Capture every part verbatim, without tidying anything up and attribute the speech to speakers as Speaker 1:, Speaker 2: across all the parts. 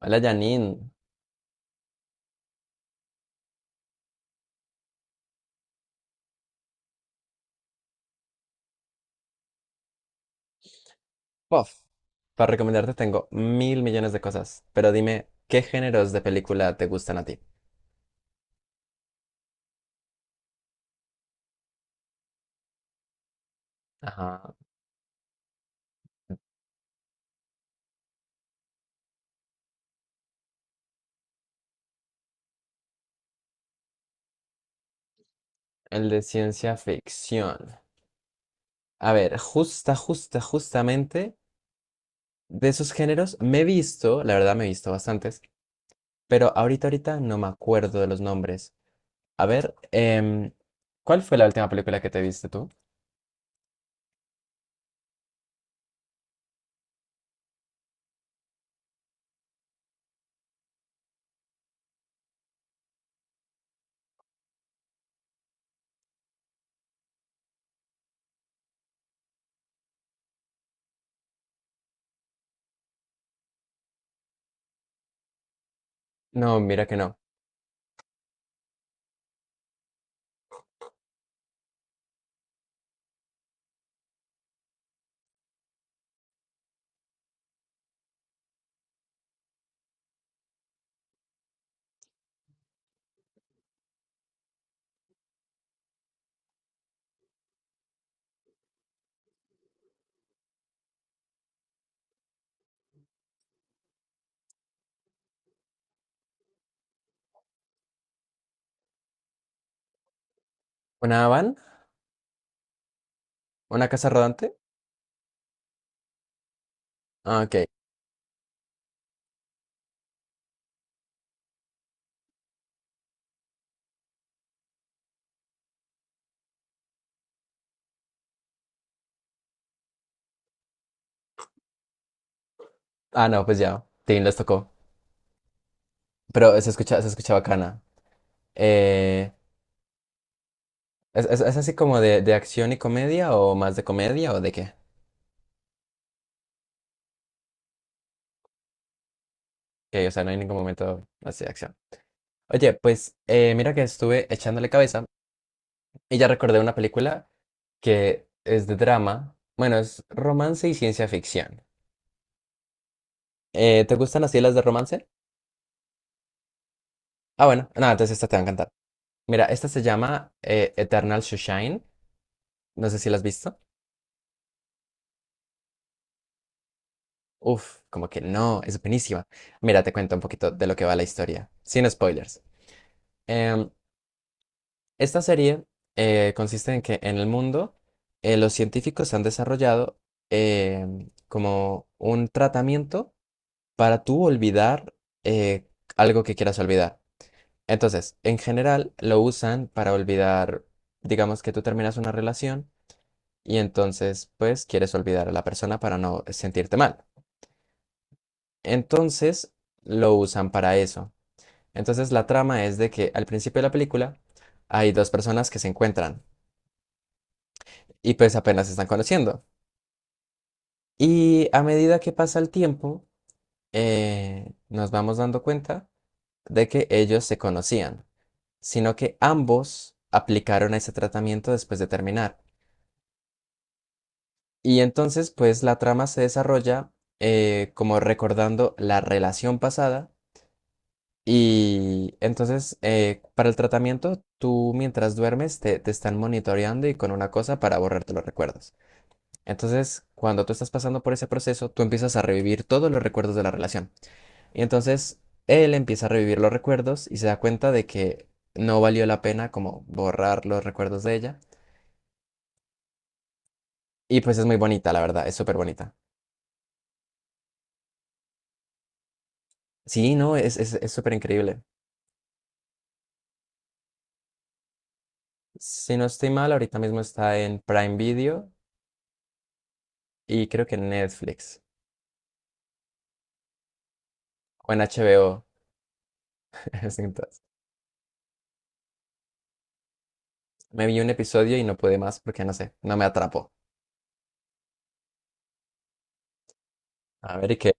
Speaker 1: Hola Janine. Puff. Para recomendarte tengo mil millones de cosas, pero dime, ¿qué géneros de película te gustan a ti? Ajá, el de ciencia ficción. A ver, justa, justa, justamente de esos géneros me he visto, la verdad me he visto bastantes, pero ahorita, ahorita no me acuerdo de los nombres. A ver, em, ¿cuál fue la última película que te viste tú? No, mira que no. ¿Una van? ¿Una casa rodante? Ah, ok. Ah, no, pues ya, Tim les tocó. Pero se escucha, se escucha bacana. Eh, ¿es, es- es así como de, de acción y comedia o más de comedia o de qué? Que, o sea, no hay ningún momento así de acción. Oye, pues eh, mira que estuve echándole cabeza y ya recordé una película que es de drama. Bueno, es romance y ciencia ficción. Eh, ¿te gustan así las de romance? Ah, bueno, nada, entonces esta te va a encantar. Mira, esta se llama eh, Eternal Sunshine. No sé si la has visto. Uf, como que no, es buenísima. Mira, te cuento un poquito de lo que va la historia, sin spoilers. Em, Esta serie eh, consiste en que en el mundo eh, los científicos han desarrollado em, como un tratamiento para tú olvidar eh, algo que quieras olvidar. Entonces, en general lo usan para olvidar, digamos que tú terminas una relación y entonces pues quieres olvidar a la persona para no sentirte mal. Entonces lo usan para eso. Entonces la trama es de que al principio de la película hay dos personas que se encuentran y pues apenas se están conociendo. Y a medida que pasa el tiempo, eh, nos vamos dando cuenta de que ellos se conocían, sino que ambos aplicaron ese tratamiento después de terminar. Y entonces, pues la trama se desarrolla eh, como recordando la relación pasada. Y entonces, eh, para el tratamiento, tú mientras duermes te, te están monitoreando y con una cosa para borrarte los recuerdos. Entonces, cuando tú estás pasando por ese proceso, tú empiezas a revivir todos los recuerdos de la relación. Y entonces, él empieza a revivir los recuerdos y se da cuenta de que no valió la pena como borrar los recuerdos de ella. Y pues es muy bonita, la verdad, es súper bonita. Sí, no, es, es, es súper increíble. Si no estoy mal, ahorita mismo está en Prime Video y creo que en Netflix o en H B O. Entonces, me vi un episodio y no pude más porque no sé, no me atrapó. A ver, ¿y qué?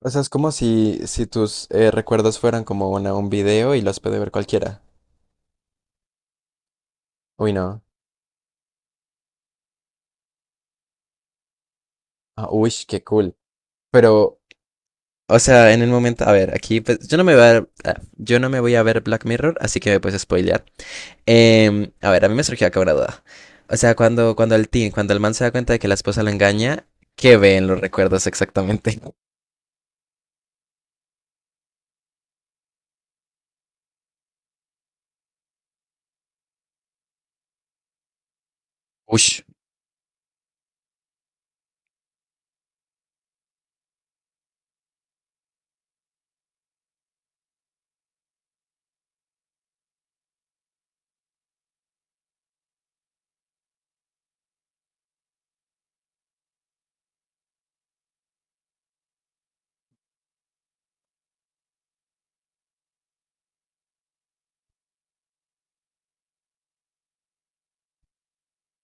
Speaker 1: O sea, es como si, si tus eh, recuerdos fueran como una, un video y los puede ver cualquiera. Uy, no. Ah, uy, qué cool. Pero, o sea, en el momento, a ver, aquí, pues, yo no me voy a ver, ah, yo no me voy a ver Black Mirror, así que me puedes spoilear. Em, a ver, a mí me surgió acá una duda. O sea, cuando, cuando el teen, cuando el man se da cuenta de que la esposa lo engaña, ¿qué ve en los recuerdos exactamente? Uy,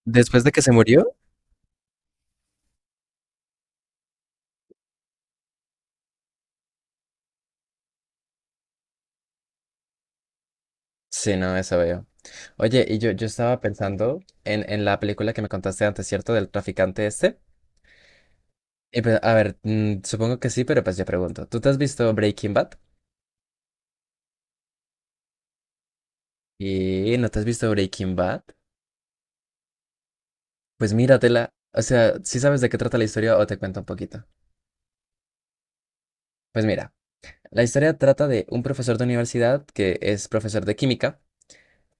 Speaker 1: después de que se murió. Sí, no, eso veo. Oye, y yo, yo estaba pensando en, en la película que me contaste antes, ¿cierto? Del traficante este. Y pues, a ver, mm, supongo que sí, pero pues yo pregunto, ¿tú te has visto Breaking Bad? ¿Y no te has visto Breaking Bad? Pues míratela. O sea, si sabes de qué trata la historia o te cuento un poquito? Pues mira, la historia trata de un profesor de universidad que es profesor de química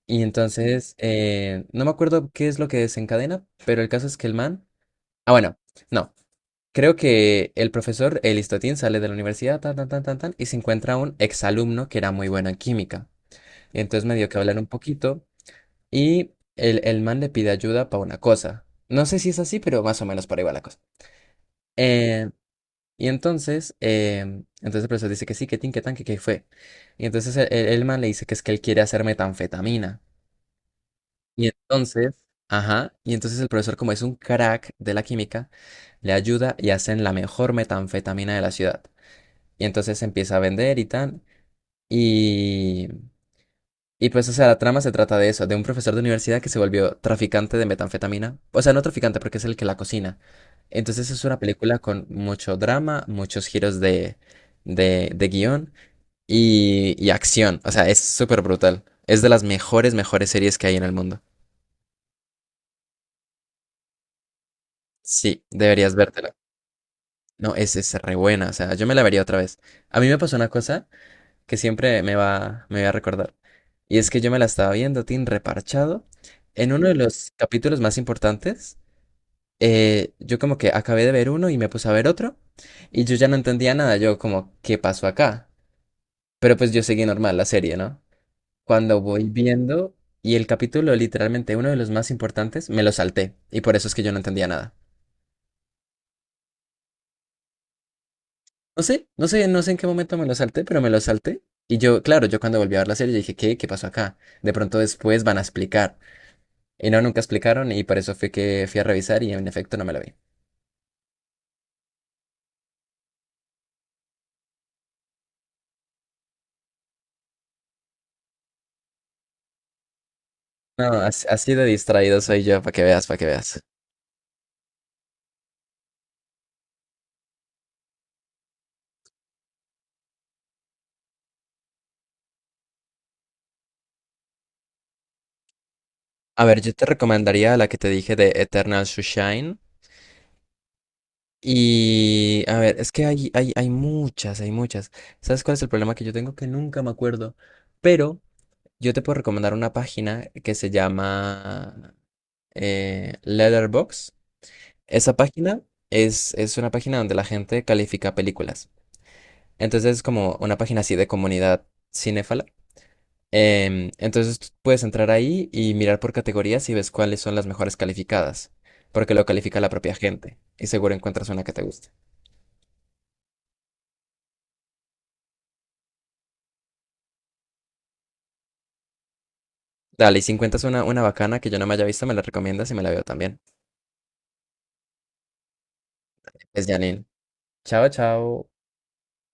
Speaker 1: y entonces, eh, no me acuerdo qué es lo que desencadena, pero el caso es que el man... Ah, bueno, no. Creo que el profesor, el Listotín, sale de la universidad, tan, tan, tan, tan, tan, y se encuentra un exalumno que era muy bueno en química. Y entonces me dio que hablar un poquito. Y el, el man le pide ayuda para una cosa. No sé si es así, pero más o menos por ahí va la cosa. Eh, y entonces, eh, entonces el profesor dice que sí, que tin, que tan, que qué fue. Y entonces el, el- el man le dice que es que él quiere hacer metanfetamina. Y entonces, ajá, y entonces el profesor, como es un crack de la química, le ayuda y hacen la mejor metanfetamina de la ciudad. Y entonces empieza a vender y tan. Y, Y pues, o sea, la trama se trata de eso, de un profesor de universidad que se volvió traficante de metanfetamina. O sea, no traficante porque es el que la cocina. Entonces es una película con mucho drama, muchos giros de, de, de guión y, y acción. O sea, es súper brutal. Es de las mejores, mejores series que hay en el mundo. Sí, deberías vértela. No, es, es re buena. O sea, yo me la vería otra vez. A mí me pasó una cosa que siempre me va, me va a recordar. Y es que yo me la estaba viendo, Tin, reparchado. En uno de los capítulos más importantes eh, yo como que acabé de ver uno y me puse a ver otro y yo ya no entendía nada, yo como, ¿qué pasó acá? Pero pues yo seguí normal la serie, ¿no? Cuando voy viendo y el capítulo literalmente uno de los más importantes, me lo salté y por eso es que yo no entendía nada. No sé, no sé, no sé en qué momento me lo salté, pero me lo salté. Y yo, claro, yo cuando volví a ver la serie dije, ¿qué? ¿Qué pasó acá? De pronto después van a explicar. Y no, nunca explicaron y por eso fue que fui a revisar y en efecto no me lo vi. No, as- así de distraído soy yo, para que veas, para que veas. A ver, yo te recomendaría la que te dije de Eternal Sunshine. Y a ver, es que hay, hay, hay muchas, hay muchas. ¿Sabes cuál es el problema que yo tengo? Que nunca me acuerdo. Pero yo te puedo recomendar una página que se llama eh, Letterboxd. Esa página es, es una página donde la gente califica películas. Entonces es como una página así de comunidad cinéfala. Em, entonces tú puedes entrar ahí y mirar por categorías y ves cuáles son las mejores calificadas, porque lo califica la propia gente y seguro encuentras una que te guste. Dale, y si encuentras una, una bacana que yo no me haya visto, me la recomiendas y me la veo también. Es Janine. Chao, chao.